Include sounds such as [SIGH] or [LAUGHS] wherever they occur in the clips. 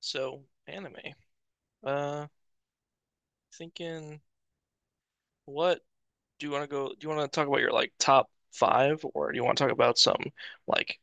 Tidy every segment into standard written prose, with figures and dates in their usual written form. So anime. Uh, Thinking what do you want to go? Do you want to talk about your top five, or do you want to talk about some like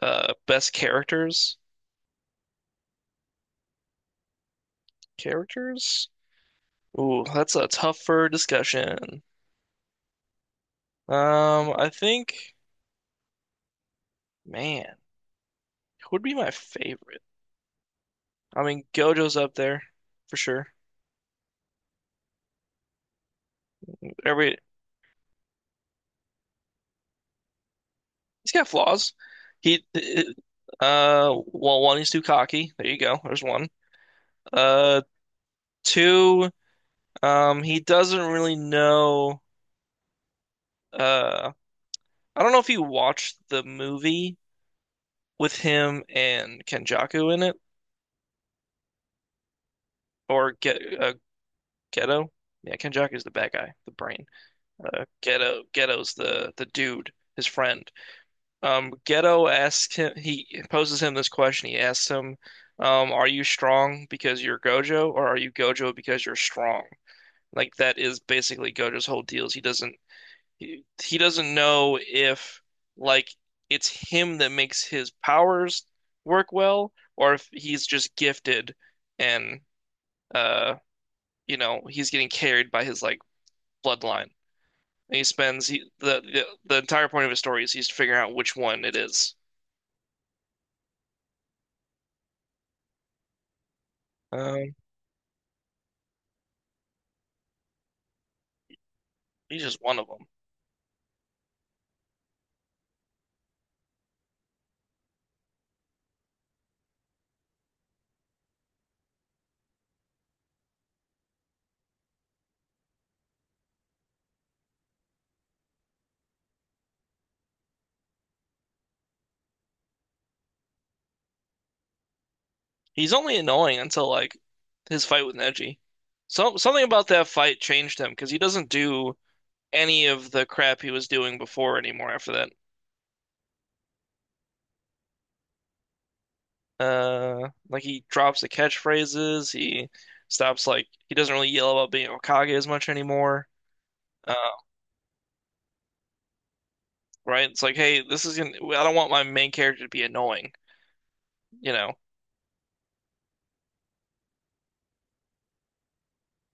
best characters? Characters? Ooh, that's a tougher discussion. I think, man, who would be my favorite? I mean, Gojo's up there for sure. Every He's got flaws. He, uh, well, one, he's too cocky. There you go. There's one. Uh, Two. He doesn't really know. Uh, I don't know if you watched the movie with him and Kenjaku in it, or get Geto. Yeah, Kenjaku's the bad guy, the brain. Geto's the dude, his friend. Geto asks him. He poses him this question. He asks him, "Are you strong because you're Gojo, or are you Gojo because you're strong?" Like that is basically Gojo's whole deal. Is He doesn't he doesn't know if like it's him that makes his powers work well, or if he's just gifted and uh you know he's getting carried by his bloodline. And he spends he, the entire point of his story is he's figuring out which one it is. Um, he's just one of them. He's only annoying until his fight with Neji. So something about that fight changed him, because he doesn't do any of the crap he was doing before anymore after that. Like, he drops the catchphrases. He stops like he doesn't really yell about being Hokage as much anymore. Uh, right? It's like, hey, this is gonna. I don't want my main character to be annoying. You know?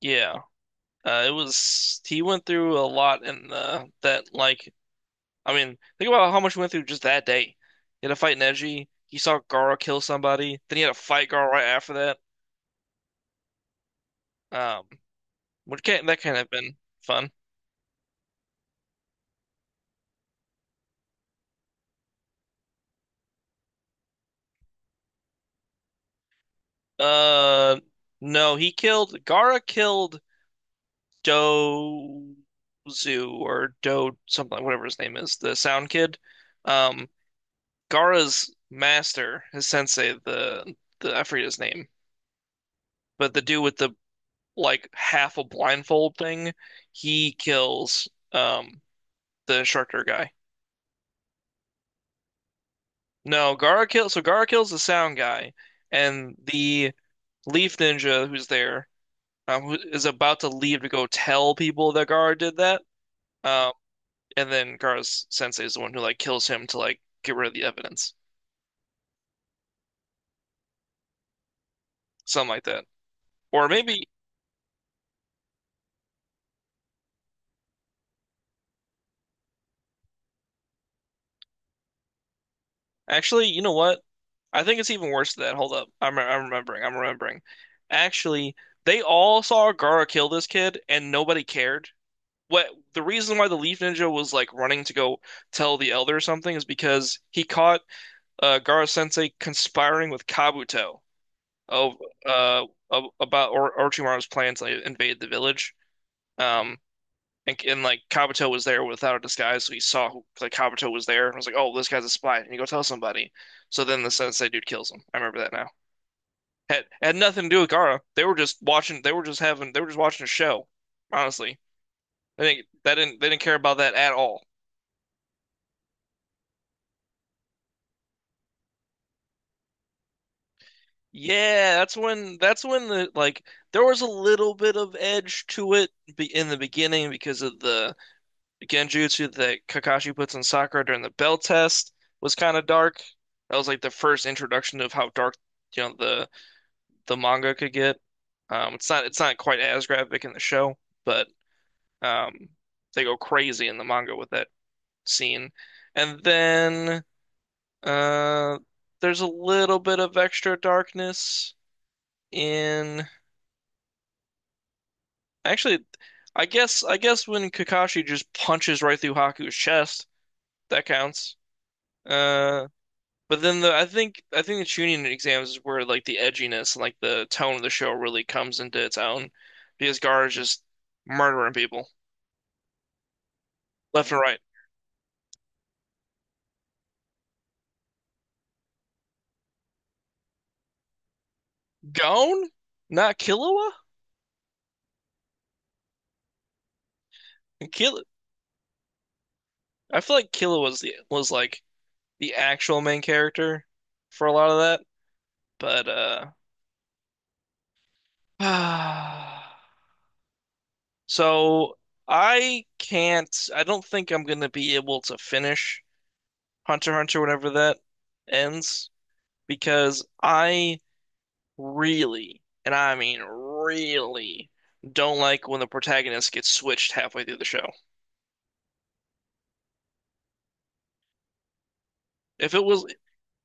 Yeah. It was he went through a lot in the that like, I mean, think about how much he went through just that day. He had to fight Neji. He saw Gaara kill somebody. Then he had to fight Gaara right after that. Um, which can that can't have been fun. Uh, no, he killed Gaara killed. Do Do something, whatever his name is, the Sound Kid. Um, Gaara's master, his sensei, the I forget his name, but the dude with the like half a blindfold thing, he kills um the instructor guy. No, Gaara kills the Sound guy, and the Leaf Ninja who's there, who is about to leave to go tell people that Gaara did that. Um, and then Gaara's sensei is the one who like kills him to like get rid of the evidence, something like that. Or maybe actually, you know what? I think it's even worse than that. Hold up, I'm remembering. I'm remembering. Actually, they all saw Gaara kill this kid, and nobody cared. What The reason why the Leaf Ninja was like running to go tell the Elder or something is because he caught Gaara Sensei conspiring with Kabuto of of, about or Orochimaru's plan to invade the village. Um, and, like Kabuto was there without a disguise, so he saw like Kabuto was there and was like, "Oh, this guy's a spy," and you go tell somebody. So then the sensei dude kills him. I remember that now. Had nothing to do with Gara. They were just watching. They were just having. They were just watching a show. Honestly, I think that didn't. They didn't care about that at all. Yeah, That's when the like there was a little bit of edge to it in the beginning, because of the genjutsu that Kakashi puts on Sakura during the bell test was kind of dark. That was like the first introduction of how dark, you know, the manga could get. It's not quite as graphic in the show, but um, they go crazy in the manga with that scene. And then uh, there's a little bit of extra darkness in actually, I guess when Kakashi just punches right through Haku's chest, that counts. Uh, But then the I think, I think the tuning exams is where like the edginess and like the tone of the show really comes into its own, because Gar is just murdering people left and right. Gone? Not Killua? Kill I feel like Killua was the was like the actual main character for a lot of that, but uh [SIGHS] so I can't, I don't think I'm gonna be able to finish Hunter x Hunter whenever that ends, because I really, and I mean really, don't like when the protagonist gets switched halfway through the show. If it was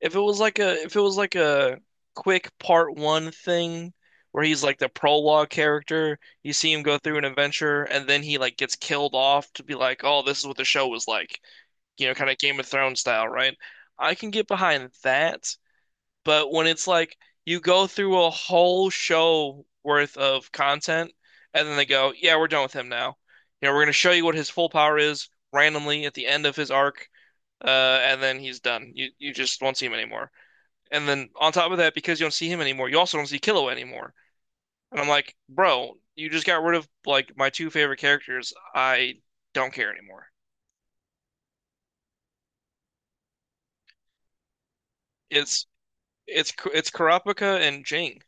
if it was like a if it was like a quick part one thing where he's like the prologue character, you see him go through an adventure and then he like gets killed off to be like, "Oh, this is what the show was like." You know, kind of Game of Thrones style, right? I can get behind that. But when it's like you go through a whole show worth of content and then they go, yeah, we're done with him now. You know, we're going to show you what his full power is randomly at the end of his arc, uh, and then he's done. You just won't see him anymore. And then on top of that, because you don't see him anymore, you also don't see Killua anymore. And I'm like, bro, you just got rid of like my two favorite characters. I don't care anymore. It's it's it's Kurapika and Jing.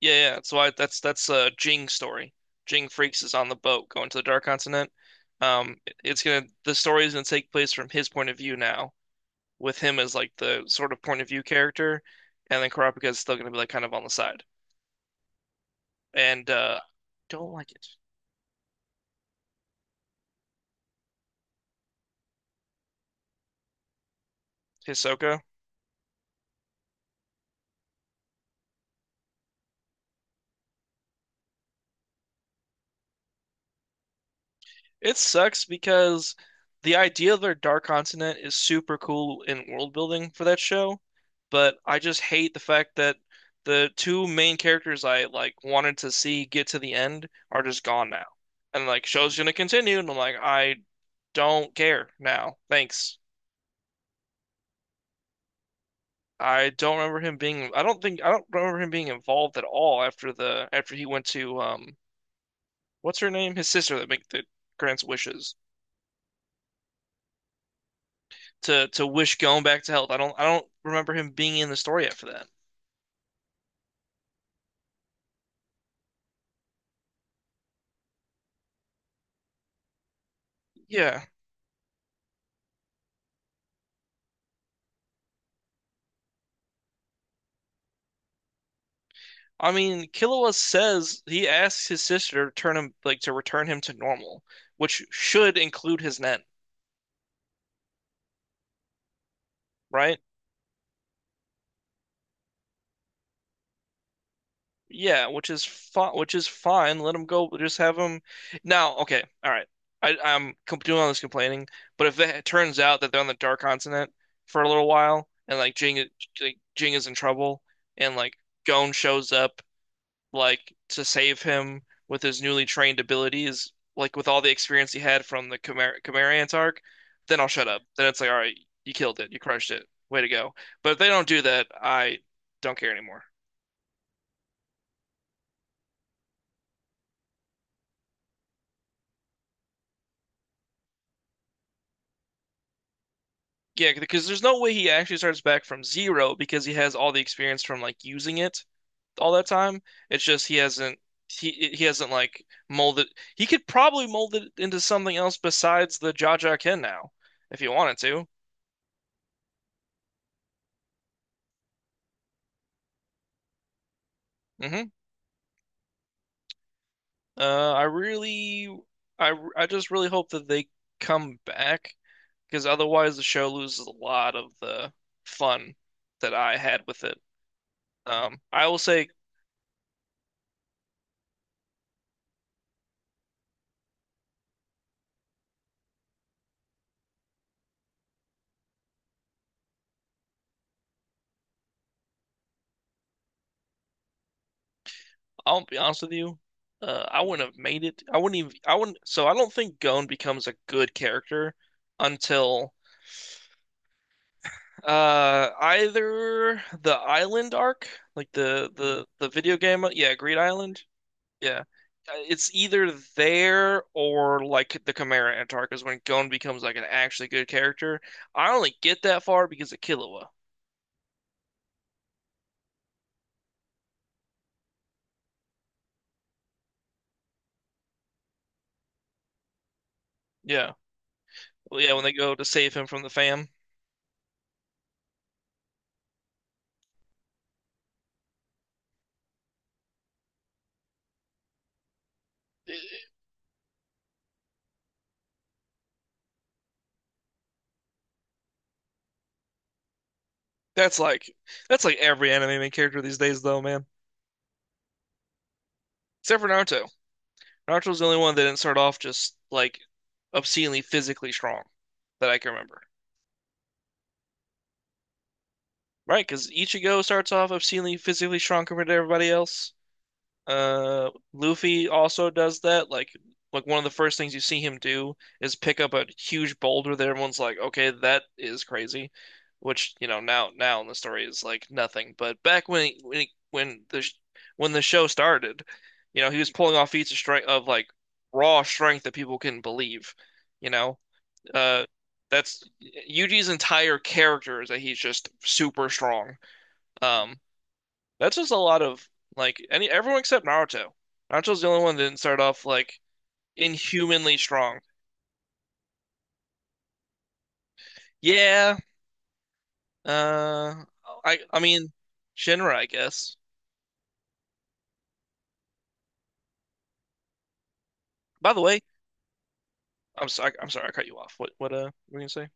Yeah, yeah. That's why that's Jing story. Jing Freaks is on the boat going to the Dark Continent. It's gonna the story is gonna take place from his point of view now, with him as like the sort of point of view character, and then Kurapika is still gonna be like kind of on the side. And don't like it. Hisoka. It sucks because the idea of their Dark Continent is super cool in world building for that show, but I just hate the fact that the two main characters I like wanted to see get to the end are just gone now. And like show's gonna continue, and I'm like, I don't care now. Thanks. I don't remember him being I don't remember him being involved at all after the after he went to what's her name? His sister that make that grants wishes. To Wish going back to health. I don't remember him being in the story after that. Yeah. I mean, Killua says he asks his sister to turn him, like to return him to normal, which should include his net, right? Yeah, which is fine. Which is fine. Let him go. Just have him. Now, okay, all right. I'm doing all this complaining, but if it turns out that they're on the Dark Continent for a little while, and like Jing is in trouble, and like Gon shows up like to save him with his newly trained abilities, like with all the experience he had from the Chimera Chimerians arc, then I'll shut up. Then it's like, all right, you killed it, you crushed it, way to go. But if they don't do that, I don't care anymore. Yeah, because there's no way he actually starts back from zero, because he has all the experience from like using it all that time. It's just he hasn't he hasn't like molded. He could probably mold it into something else besides the Jaja Ken now if he wanted to. Hmm I really, I just really hope that they come back, because otherwise the show loses a lot of the fun that I had with it. I will say, I'll be honest with you, I wouldn't have made it. I wouldn't even, I wouldn't, so I don't think Gon becomes a good character until either the island arc, like the video game, yeah, Greed Island, Yeah. It's either there or like the Chimera Antarctica. When Gon becomes like an actually good character. I only get that far because of Killua. Yeah. Well, yeah, when they go to save him from the fam. Eh, that's like every anime main character these days though, man. Except for Naruto. Naruto's the only one that didn't start off just like obscenely physically strong that I can remember. Right? Because Ichigo starts off obscenely physically strong compared to everybody else. Luffy also does that. Like one of the first things you see him do is pick up a huge boulder that everyone's like, "Okay, that is crazy," which you know now in the story is like nothing. But back when he- when he- when the sh- when the show started, you know, he was pulling off feats of strength of like raw strength that people couldn't believe. You know, uh, that's Yuji's entire character, is that he's just super strong. Um, that's just a lot of like any everyone except Naruto. Naruto's the only one that didn't start off like inhumanly strong. Yeah, uh, I mean, Shinra, I guess. By the way, I'm sorry, I cut you off. What were you gonna say?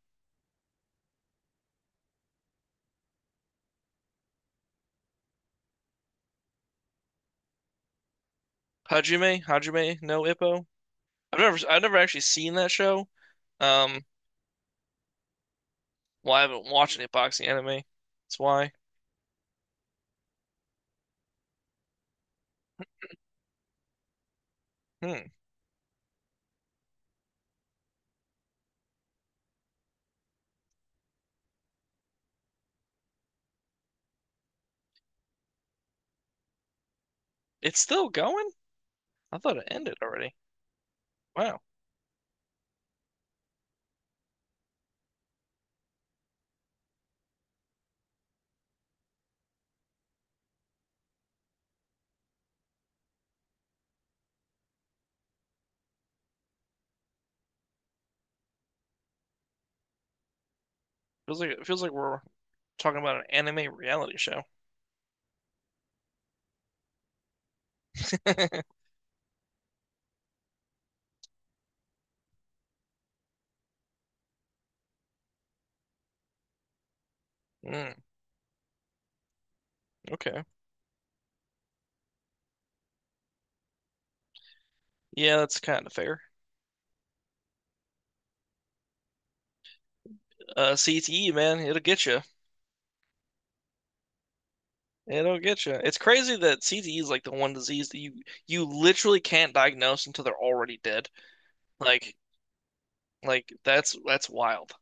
Hajime no Ippo. I've never actually seen that show. Um, well, I haven't watched any boxing anime. That's why. Hmm, it's still going? I thought it ended already. Wow, feels like we're talking about an anime reality show. [LAUGHS] Hmm. Okay. Yeah, that's kind of fair. CTE, man, it'll get you. It'll get you. It's crazy that CTE is like the one disease that you literally can't diagnose until they're already dead. Like, that's wild.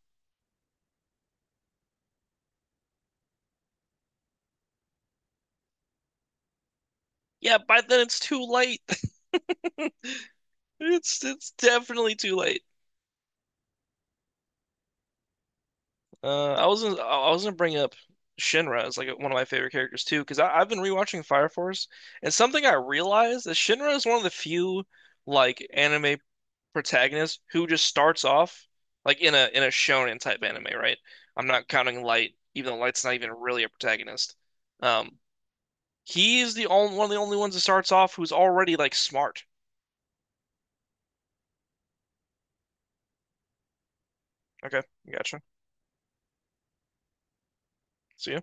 Yeah, by then it's too late. [LAUGHS] It's definitely too late. I wasn't I was gonna bring up Shinra as like one of my favorite characters too, because I've been rewatching Fire Force, and something I realized is Shinra is one of the few like anime protagonist who just starts off like in a shonen type anime, right? I'm not counting Light, even though Light's not even really a protagonist. Um, he's the only ones that starts off who's already like smart. Okay, gotcha. See ya.